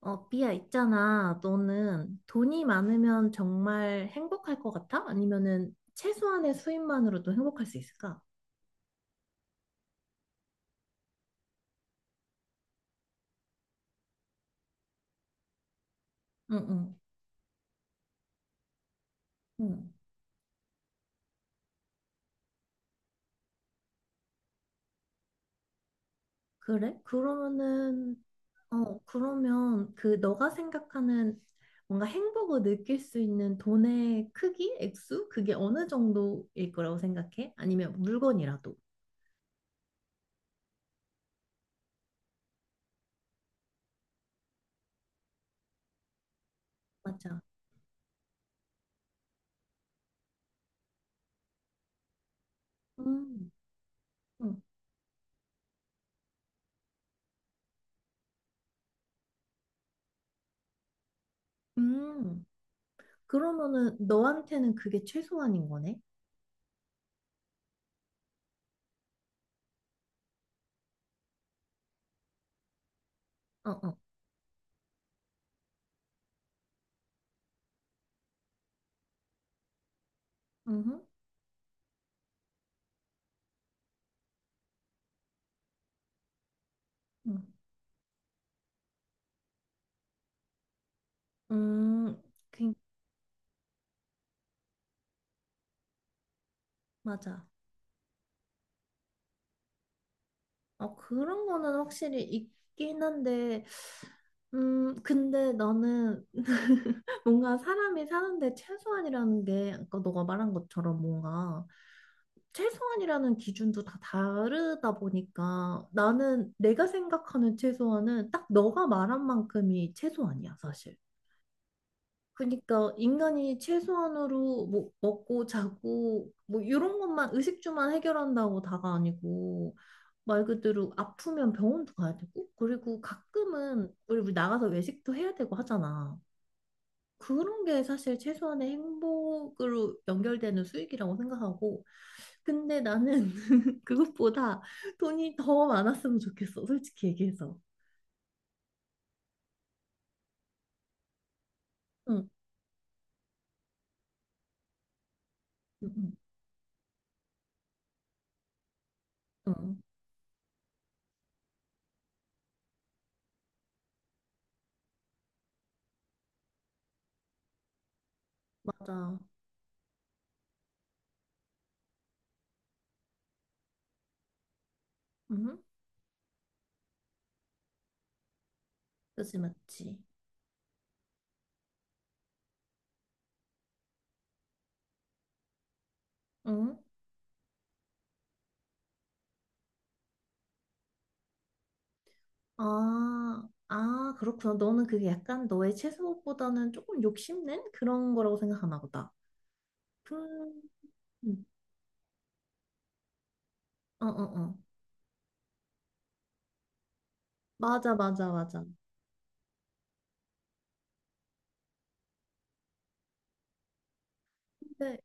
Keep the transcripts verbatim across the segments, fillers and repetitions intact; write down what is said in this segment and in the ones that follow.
어, 삐야, 있잖아. 너는 돈이 많으면 정말 행복할 것 같아? 아니면은 최소한의 수입만으로도 행복할 수 있을까? 응, 응, 응. 그래? 그러면은, 어, 그러면 그 너가 생각하는 뭔가 행복을 느낄 수 있는 돈의 크기, 액수? 그게 어느 정도일 거라고 생각해? 아니면 물건이라도? 맞아. 음, 음, 음. 그러면은 너한테는 그게 최소한인 거네? 어, 어. 음. 음. 음, 그, 맞아. 어, 그런 거는 확실히 있긴 한데, 음, 근데 나는 뭔가 사람이 사는데 최소한이라는 게, 아까 너가 말한 것처럼 뭔가 최소한이라는 기준도 다 다르다 보니까 나는 내가 생각하는 최소한은 딱 너가 말한 만큼이 최소한이야, 사실. 그러니까 인간이 최소한으로 뭐 먹고 자고 뭐 이런 것만 의식주만 해결한다고 다가 아니고 말 그대로 아프면 병원도 가야 되고, 그리고 가끔은 우리 우리 나가서 외식도 해야 되고 하잖아. 그런 게 사실 최소한의 행복으로 연결되는 수익이라고 생각하고, 근데 나는 그것보다 돈이 더 많았으면 좋겠어, 솔직히 얘기해서. 응, 응, 응, 응. 맞아. 응, 그지, 맞지. 응? 아, 아, 그렇구나. 너는 그게 약간 너의 최소보다는 조금 욕심낸 그런 거라고 생각하나 보다. 음, 음. 어, 어, 어. 맞아, 맞아, 맞아. 근데,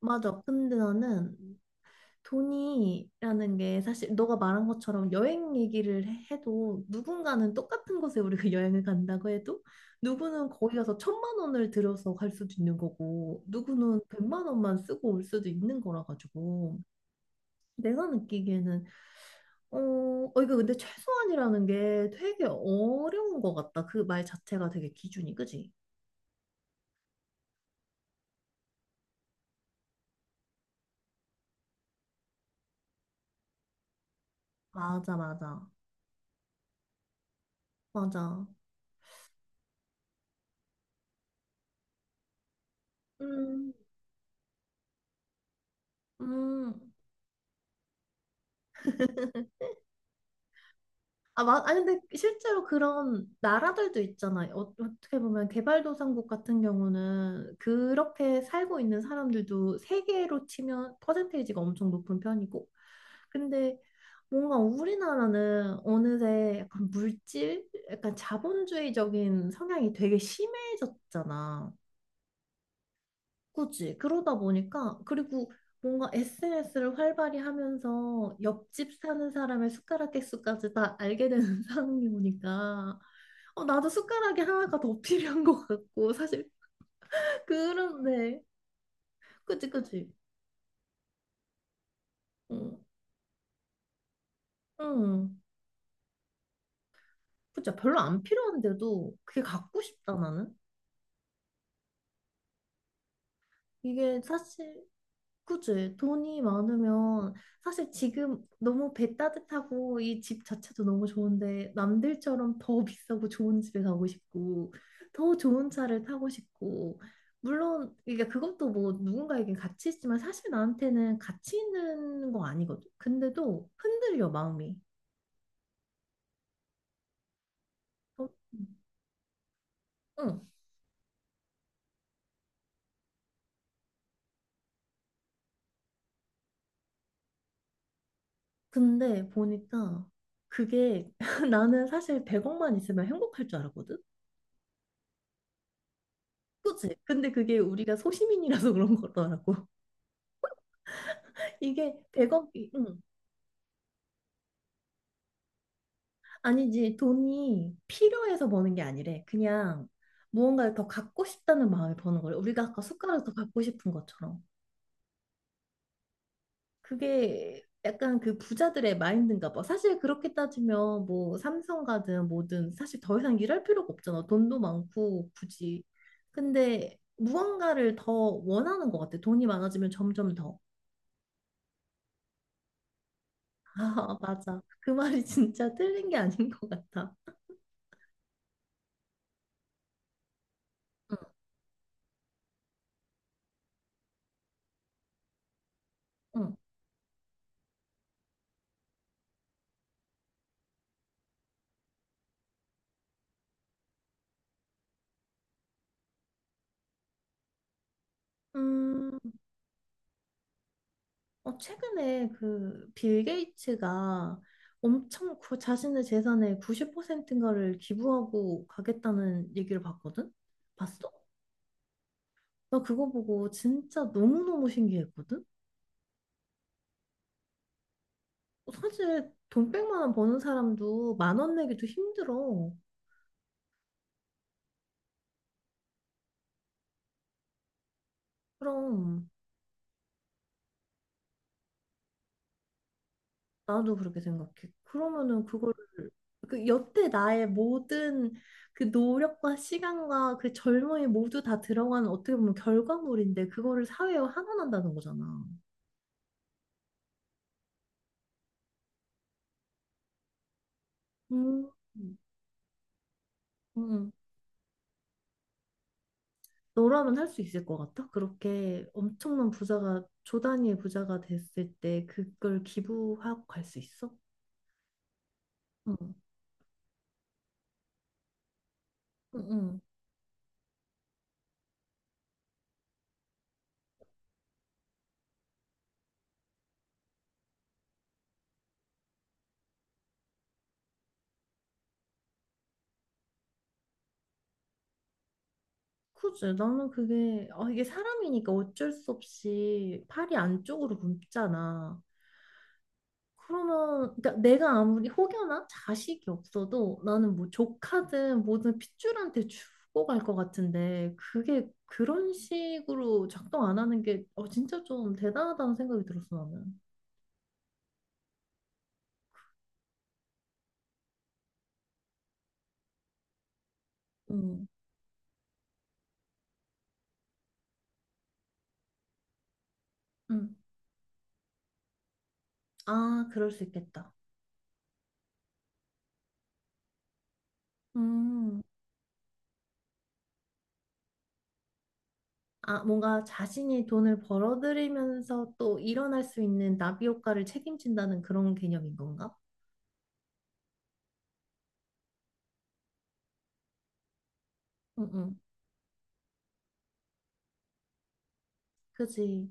맞아. 근데 나는 돈이라는 게 사실 너가 말한 것처럼 여행 얘기를 해- 해도 누군가는 똑같은 곳에 우리가 여행을 간다고 해도 누구는 거기 가서 천만 원을 들여서 갈 수도 있는 거고 누구는 백만 원만 쓰고 올 수도 있는 거라 가지고 내가 느끼기에는 어, 어, 이거 근데 최소한이라는 게 되게 어려운 것 같다. 그 말 자체가 되게 기준이, 그지? 맞아, 맞아. 맞아. 음, 음. 아, 맞, 아니, 근데 실제로 그런 나라들도 있잖아요. 어, 어떻게 보면 개발도상국 같은 경우는 그렇게 살고 있는 사람들도 세계로 치면 퍼센테이지가 엄청 높은 편이고. 근데 뭔가 우리나라는 어느새 약간 물질, 약간 자본주의적인 성향이 되게 심해졌잖아. 그치. 그러다 보니까, 그리고 뭔가 에스엔에스를 활발히 하면서 옆집 사는 사람의 숟가락 개수까지 다 알게 되는 상황이 오니까, 어, 나도 숟가락이 하나가 더 필요한 것 같고, 사실, 그런데, 그치, 그치. 응, 응. 그치. 별로 안 필요한데도 그게 갖고 싶다, 나는. 이게 사실, 그지? 돈이 많으면 사실 지금 너무 배 따뜻하고 이 집 자체도 너무 좋은데 남들처럼 더 비싸고 좋은 집에 가고 싶고 더 좋은 차를 타고 싶고 물론 그러니까 그것도 뭐 누군가에겐 가치 있지만 사실 나한테는 가치 있는 거 아니거든. 근데도 흔들려 마음이. 어, 응. 근데 보니까 그게 나는 사실 백억만 있으면 행복할 줄 알았거든. 그치? 근데 그게 우리가 소시민이라서 그런 거더라고. 이게 백억이, 응. 아니지, 돈이 필요해서 버는 게 아니래. 그냥 무언가를 더 갖고 싶다는 마음에 버는 거래. 우리가 아까 숟가락 더 갖고 싶은 것처럼. 그게 약간 그 부자들의 마인드인가 봐. 사실 그렇게 따지면 뭐 삼성 가든 뭐든 사실 더 이상 일할 필요가 없잖아. 돈도 많고 굳이. 근데 무언가를 더 원하는 것 같아. 돈이 많아지면 점점 더. 아, 맞아. 그 말이 진짜 틀린 게 아닌 것 같아. 응, 응. 음, 어, 최근에 그 빌 게이츠가 엄청 그 자신의 재산의 구십 퍼센트인가를 기부하고 가겠다는 얘기를 봤거든? 봤어? 나 그거 보고 진짜 너무너무 신기했거든? 어, 사실 돈 백만 원 버는 사람도 만 원 내기도 힘들어. 그럼 나도 그렇게 생각해. 그러면은 그걸 그 여태 나의 모든 그 노력과 시간과 그 젊음이 모두 다 들어간 어떻게 보면 결과물인데 그거를 사회에 환원한다는 거잖아. 음. 음. 너라면 할 수 있을 것 같아? 그렇게 엄청난 부자가 조 단위의 부자가 됐을 때 그걸 기부하고 갈 수 있어? 응. 응. 응. 그지? 나는 그게 아, 이게 사람이니까 어쩔 수 없이 팔이 안쪽으로 굽잖아. 그러면 그러니까 내가 아무리 혹여나 자식이 없어도 나는 뭐 조카든 뭐든 핏줄한테 주고 갈 것 같은데 그게 그런 식으로 작동 안 하는 게 어, 진짜 좀 대단하다는 생각이 들었어 나는. 음, 음. 아, 그럴 수 있겠다. 음. 아, 뭔가 자신이 돈을 벌어들이면서 또 일어날 수 있는 나비 효과를 책임진다는 그런 개념인 건가? 응, 응. 그지.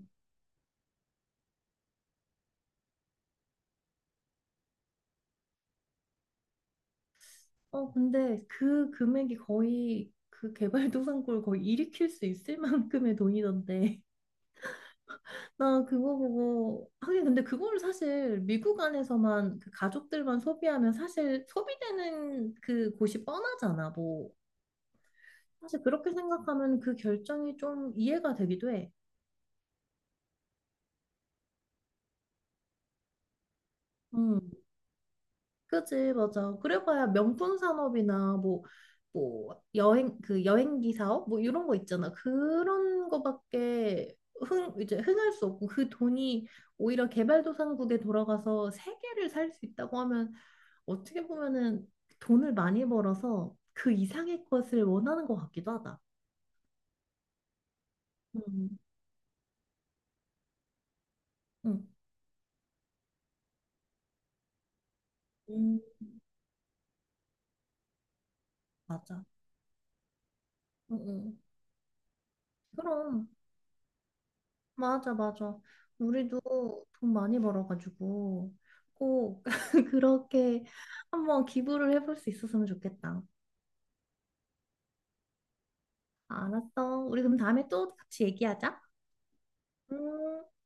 어, 근데 그 금액이 거의 그 개발도상국을 거의 일으킬 수 있을 만큼의 돈이던데. 나 그거 보고, 하긴 근데 그걸 사실 미국 안에서만 그 가족들만 소비하면 사실 소비되는 그 곳이 뻔하잖아. 뭐, 사실 그렇게 생각하면 그 결정이 좀 이해가 되기도 해. 음. 그지, 맞아. 그래봐야 명품 산업이나 뭐, 뭐, 여행, 그 여행기 사업? 뭐 이런 거 있잖아. 그런 거밖에 흥, 이제 흥할 수 없고 그 돈이 오히려 개발도상국에 돌아가서 세계를 살 수 있다고 하면 어떻게 보면은 돈을 많이 벌어서 그 이상의 것을 원하는 것 같기도 하다. 음, 음, 음, 맞아. 음, 음. 그럼. 맞아, 맞아. 우리도 돈 많이 벌어가지고 꼭 그렇게 한번 기부를 해볼 수 있었으면 좋겠다. 알았어. 우리 그럼 다음에 또 같이 얘기하자. 음.